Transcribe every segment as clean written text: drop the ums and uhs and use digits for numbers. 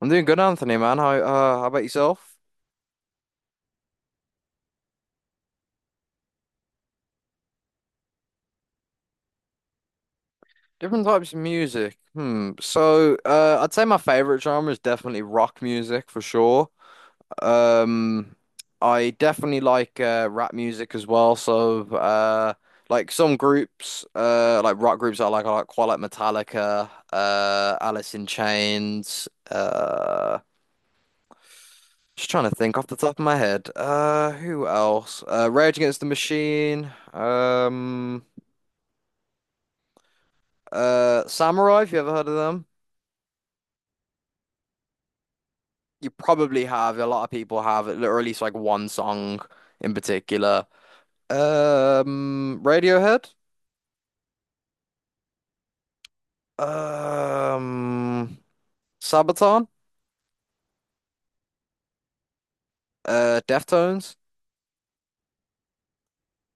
I'm doing good, Anthony, man. How about yourself? Different types of music. Hmm. I'd say my favorite genre is definitely rock music for sure. Um, I definitely like rap music as well. Like rock groups I like, quite like, Metallica, Alice in Chains. Just trying to think off the top of my head. Who else? Rage Against the Machine. Samurai, if you ever heard of them, you probably have. A lot of people have, or at least like one song in particular. Radiohead, um, Sabaton, Deftones.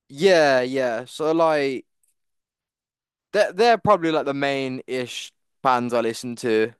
Yeah, yeah. So like, they're probably like the main-ish bands I listen to.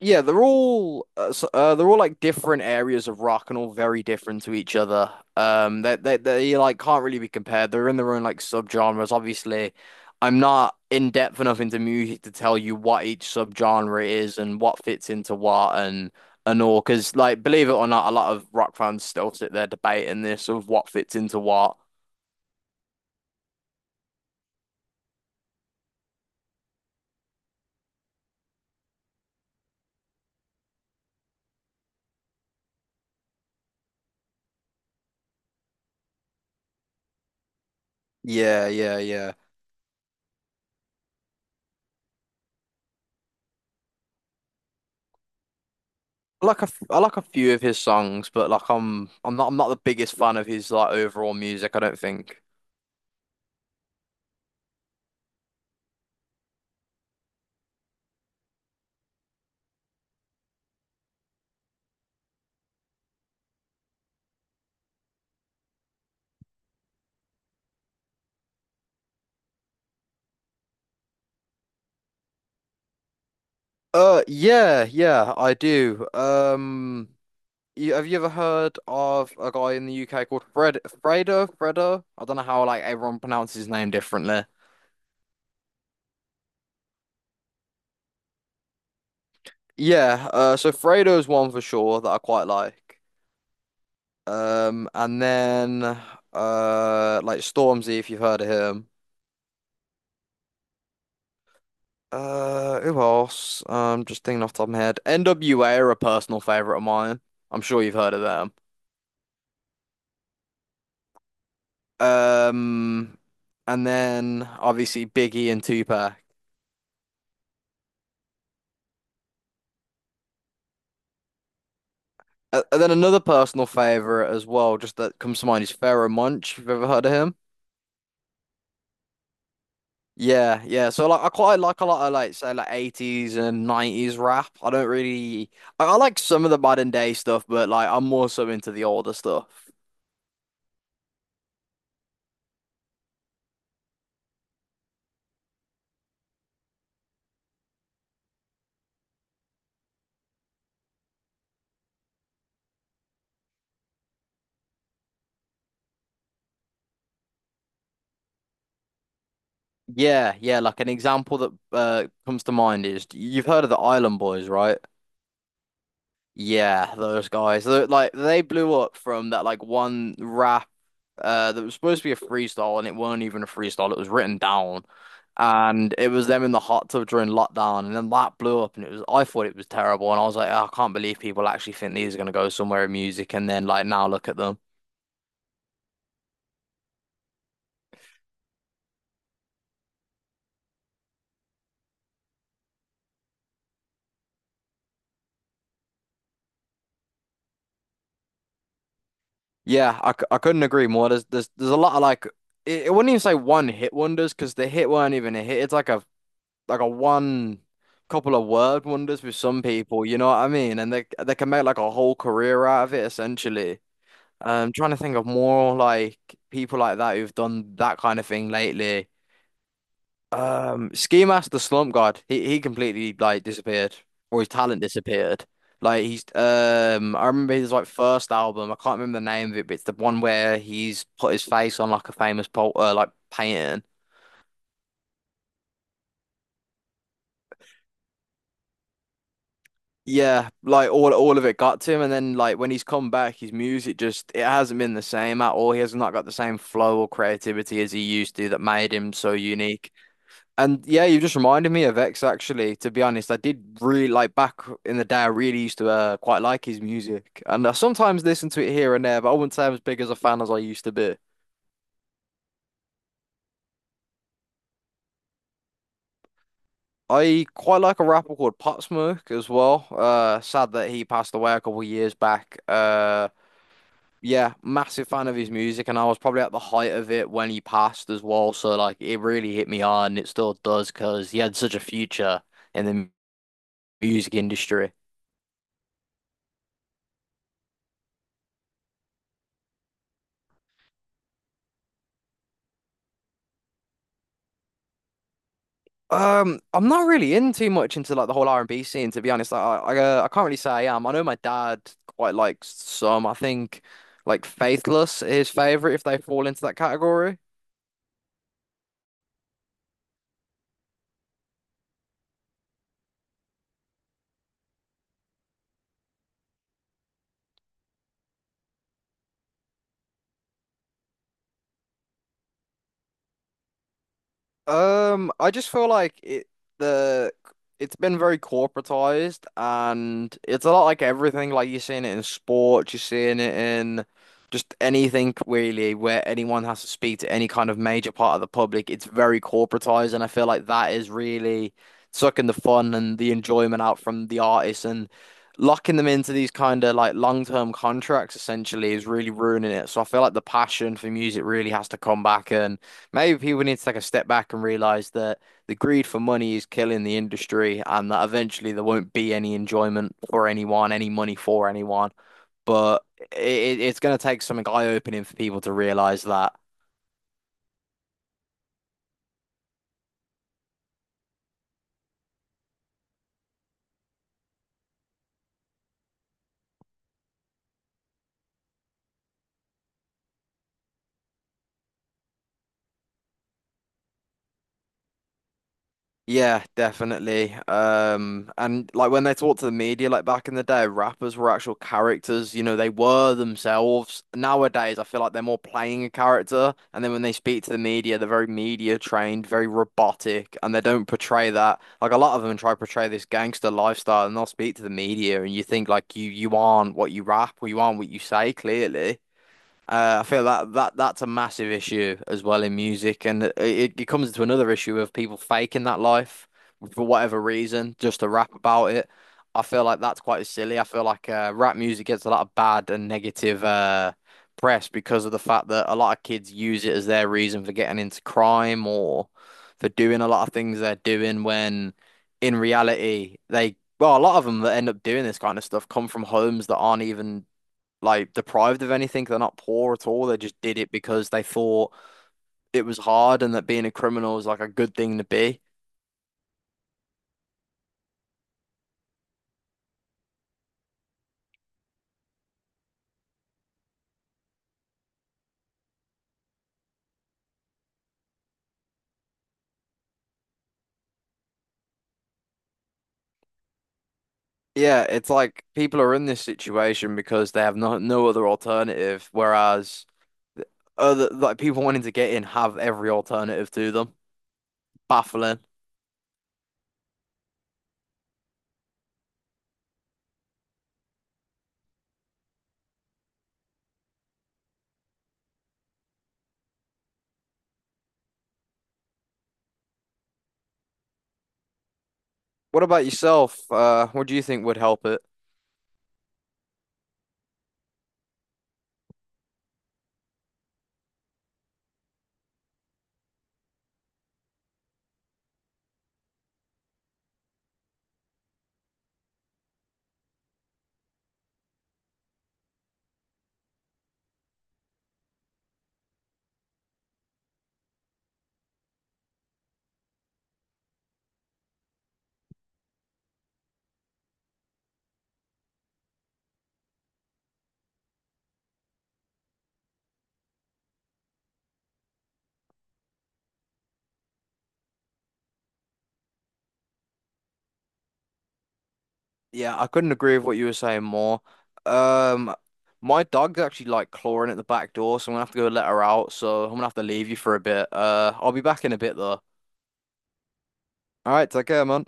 Yeah, they're all they're all like different areas of rock and all very different to each other. They like can't really be compared. They're in their own like subgenres. Obviously, I'm not in depth enough into music to tell you what each subgenre is and what fits into what and all. Because like, believe it or not, a lot of rock fans still sit there debating this of what fits into what. Yeah, yeah, yeah. I like a few of his songs, but like I'm not the biggest fan of his like overall music, I don't think. Yeah, yeah, I do. Have you ever heard of a guy in the UK called Fred Fredo? Fredo? I don't know how like everyone pronounces his name differently. Yeah, so Fredo's one for sure that I quite like. And then like Stormzy, if you've heard of him. Who else? Just thinking off the top of my head. NWA are a personal favorite of mine. I'm sure you've heard of them. Um, and then obviously Biggie and Tupac. And then another personal favorite as well, just that comes to mind, is Pharoah Monch. You've ever heard of him? Yeah, yeah. So like, I quite like a lot of, like say like, eighties and nineties rap. I don't really, I like some of the modern day stuff, but like I'm more so into the older stuff. Yeah, yeah. Like an example that comes to mind is, you've heard of the Island Boys, right? Yeah, those guys. Like they blew up from that like one rap that was supposed to be a freestyle, and it weren't even a freestyle. It was written down. And it was them in the hot tub during lockdown, and then that blew up, and it was, I thought it was terrible, and I was like, "Oh, I can't believe people actually think these are gonna go somewhere in music," and then like now look at them. I couldn't agree more. There's a lot of like, it wouldn't even say one hit wonders because the hit weren't even a hit. It's like a, like a one couple of word wonders with some people, you know what I mean? And they can make like a whole career out of it essentially. I'm trying to think of more like people like that who've done that kind of thing lately. Ski Mask the Slump God, he completely like disappeared, or his talent disappeared. Like he's I remember his like first album. I can't remember the name of it, but it's the one where he's put his face on like a famous pol like painting. Yeah, like all of it got to him, and then like when he's come back, his music just, it hasn't been the same at all. He has not got the same flow or creativity as he used to, that made him so unique. And yeah, you just reminded me of X actually. To be honest, I did really like, back in the day, I really used to quite like his music, and I sometimes listen to it here and there. But I wouldn't say I'm as big as a fan as I used to be. I quite like a rapper called Pop Smoke as well. Sad that he passed away a couple of years back. Yeah, massive fan of his music, and I was probably at the height of it when he passed as well. So like, it really hit me hard, and it still does because he had such a future in the music industry. I'm not really in too much into like the whole R&B scene, to be honest. I can't really say I am. I know my dad quite likes some. I think like Faithless is his favorite if they fall into that category. I just feel like the it's been very corporatized, and it's a lot like everything. Like you're seeing it in sports, you're seeing it in just anything really where anyone has to speak to any kind of major part of the public. It's very corporatized, and I feel like that is really sucking the fun and the enjoyment out from the artists and locking them into these kind of like long-term contracts essentially is really ruining it. So I feel like the passion for music really has to come back, and maybe people need to take a step back and realize that the greed for money is killing the industry and that eventually there won't be any enjoyment for anyone, any money for anyone. But it's going to take something eye-opening for people to realize that. Yeah, definitely. And like when they talk to the media, like back in the day, rappers were actual characters, you know, they were themselves. Nowadays, I feel like they're more playing a character, and then when they speak to the media, they're very media trained, very robotic, and they don't portray that. Like a lot of them try to portray this gangster lifestyle, and they'll speak to the media, and you think like, you aren't what you rap, or you aren't what you say, clearly. I feel that that's a massive issue as well in music, and it comes into another issue of people faking that life for whatever reason, just to rap about it. I feel like that's quite silly. I feel like rap music gets a lot of bad and negative press because of the fact that a lot of kids use it as their reason for getting into crime or for doing a lot of things they're doing, when in reality they, well, a lot of them that end up doing this kind of stuff come from homes that aren't even like deprived of anything. They're not poor at all. They just did it because they thought it was hard and that being a criminal is like a good thing to be. Yeah, it's like people are in this situation because they have no other alternative, whereas other like people wanting to get in have every alternative to them. Baffling. What about yourself? What do you think would help it? Yeah, I couldn't agree with what you were saying more. Um, my dog's actually like clawing at the back door, so I'm gonna have to go let her out. So I'm gonna have to leave you for a bit. I'll be back in a bit though. All right, take care, man.